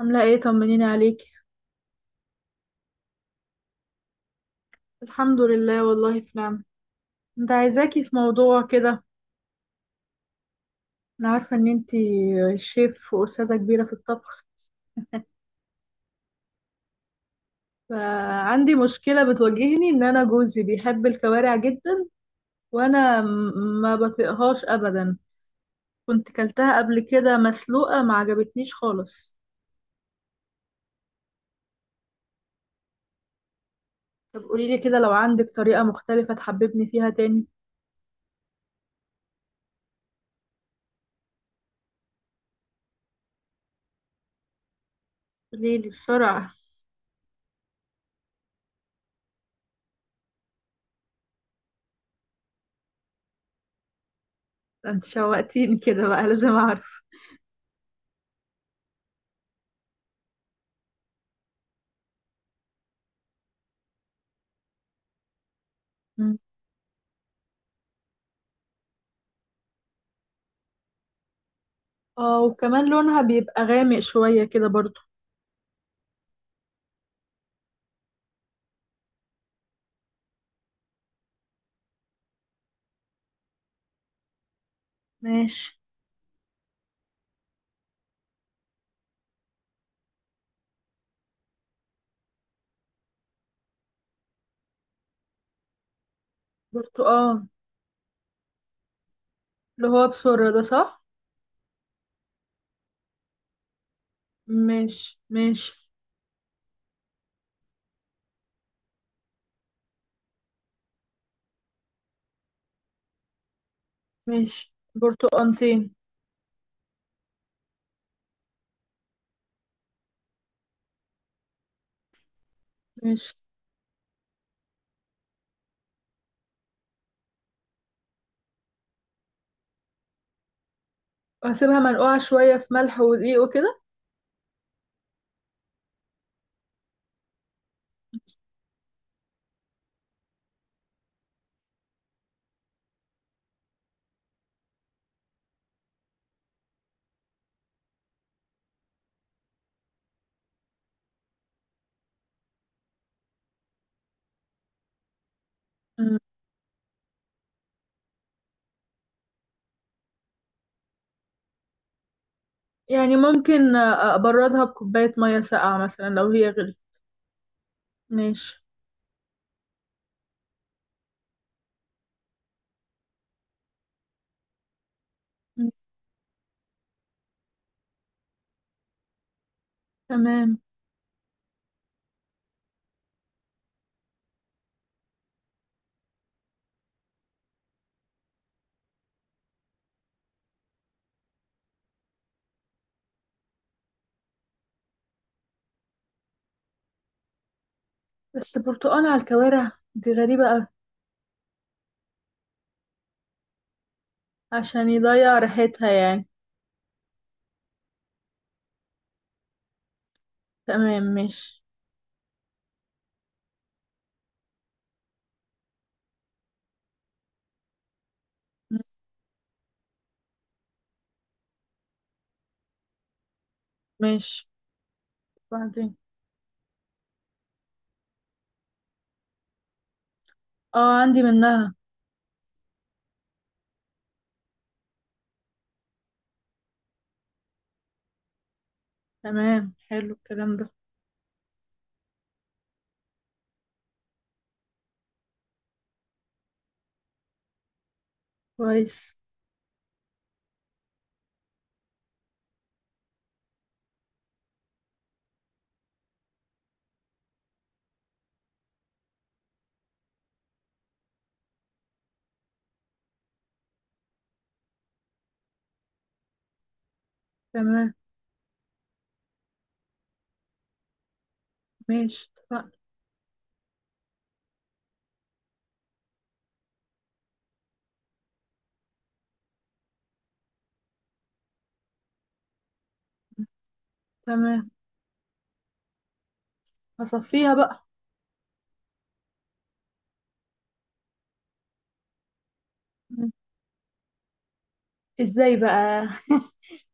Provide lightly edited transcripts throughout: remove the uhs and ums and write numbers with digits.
عاملة ايه؟ طمنيني عليك. الحمد لله، والله في نعمة. انت عايزاكي في موضوع كده. انا عارفة ان انتي شيف واستاذة كبيرة في الطبخ. فعندي مشكلة بتواجهني ان انا جوزي بيحب الكوارع جدا، وانا ما بطيقهاش ابدا. كنت كلتها قبل كده مسلوقة ما عجبتنيش خالص. طب قوليلي كده لو عندك طريقة مختلفة تحببني فيها تاني. قوليلي بسرعة. ده انت شوقتيني كده، بقى لازم اعرف. مم. اه، وكمان لونها بيبقى غامق شوية كده برضه. ماشي. برتقال اللي هو بسرة ده، صح؟ ماشي ماشي. ماشي، برتقالتين. ماشي، وهسيبها منقوعة شوية في ملح ودقيق وكده. مم. يعني ممكن أبردها بكوباية مية ساقعة مثلا لو هي غليت. ماشي. مم. تمام. بس برتقال على الكوارع دي غريبة أوي. عشان يضيع ريحتها يعني. تمام، ماشي. مم. ماشي. بعدين. اه، عندي منها. تمام، حلو الكلام ده. كويس. تمام. ماشي، اتفقنا. تمام. هصفيها بقى. مم. ازاي بقى؟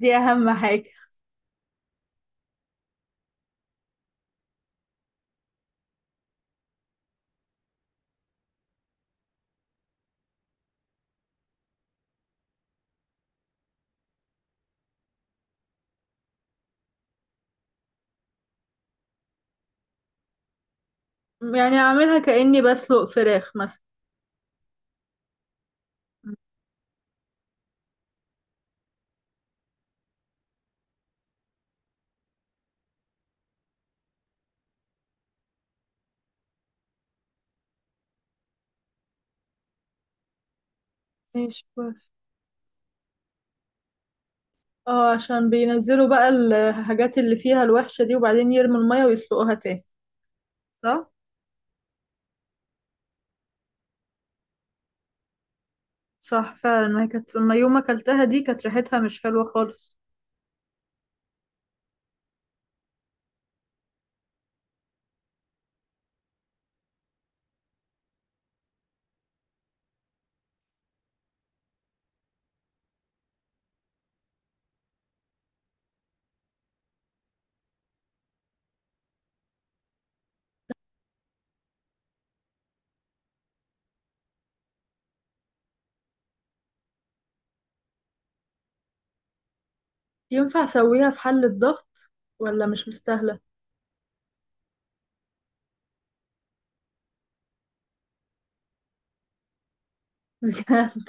دي اهم حاجة. يعني اعملها كأني بسلق فراخ مثلا. ماشي، كويس. اه، عشان بينزلوا بقى الحاجات اللي فيها الوحشة دي، وبعدين يرموا المية ويسلقوها تاني. صح؟ صح فعلا، ما هي كانت لما يوم اكلتها دي كانت ريحتها مش حلوة خالص. ينفع اسويها في حلة ضغط ولا مش مستاهلة؟ بجد.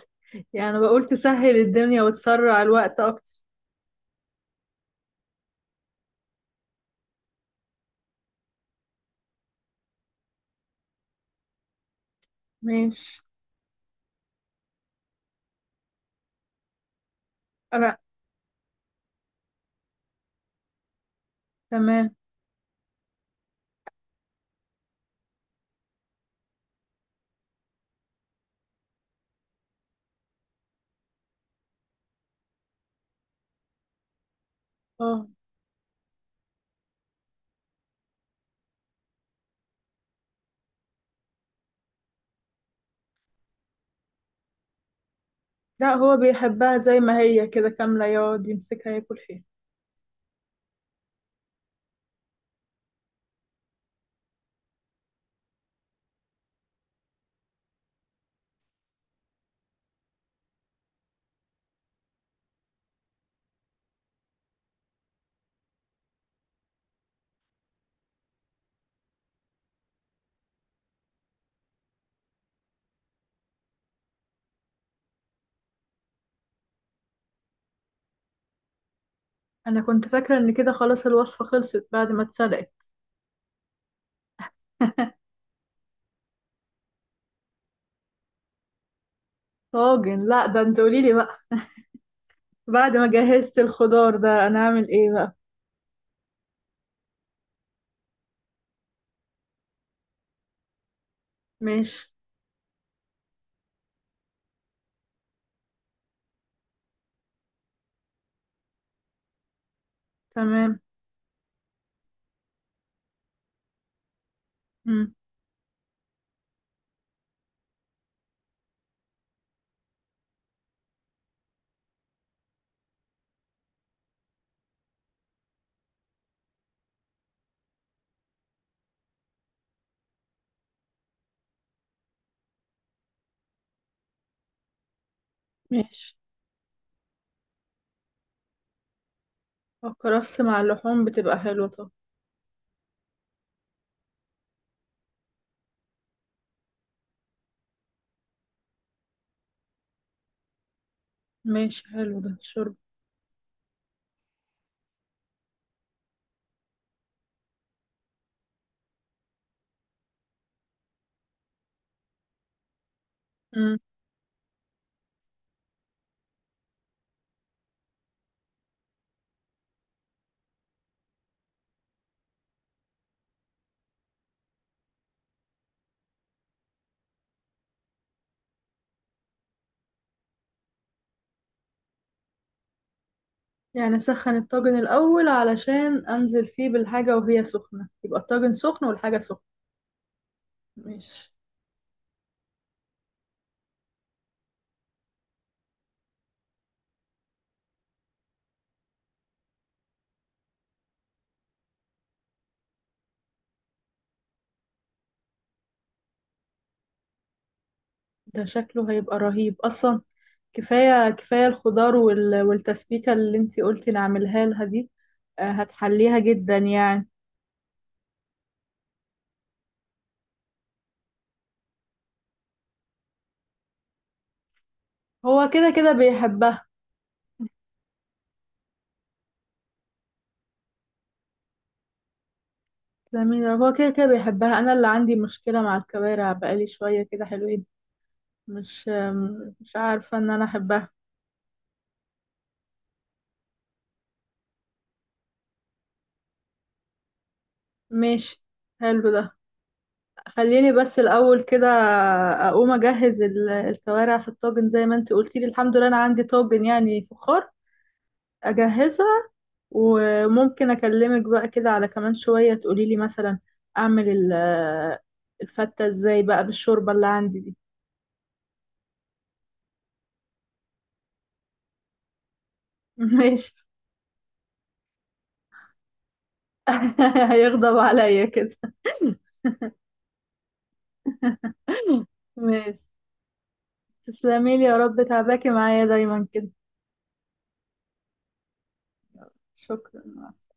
يعني أنا بقول تسهل الدنيا وتسرع الوقت اكتر. ماشي. انا. تمام. اه، لا هو بيحبها زي ما هي كده كاملة، يقعد يمسكها ياكل فيها. انا كنت فاكرة ان كده خلاص الوصفة خلصت بعد ما اتسلقت. طاجن؟ لا ده انت قوليلي بقى. بعد ما جهزت الخضار ده انا اعمل ايه بقى؟ ماشي. تمام. مم. ماشي. الكرفس مع اللحوم بتبقى حلوة، طب. ماشي حلو ده، الشرب. مم. يعني اسخن الطاجن الاول علشان انزل فيه بالحاجة وهي سخنة، يبقى الطاجن سخن والحاجة سخنة. ماشي. ده شكله هيبقى رهيب اصلا. كفايه كفايه الخضار وال- والتسبيكه اللي انتي قلتي نعملها لها دي. آه، هتحليها جدا يعني. هو كده كده بيحبها. جميل، هو كده كده بيحبها. انا اللي عندي مشكله مع الكوارع بقالي شويه كده حلوين. مش عارفه ان انا احبها. ماشي، حلو ده. خليني بس الاول كده اقوم اجهز الكوارع في الطاجن زي ما انتي قلتي لي. الحمد لله انا عندي طاجن يعني فخار، اجهزه. وممكن اكلمك بقى كده على كمان شوية تقولي لي مثلا اعمل الفتة ازاي بقى بالشوربة اللي عندي دي. ماشي. هيغضب عليا كده. ماشي. تسلميلي يا رب، تعباكي معايا دايما كده. شكرا، مع السلامة.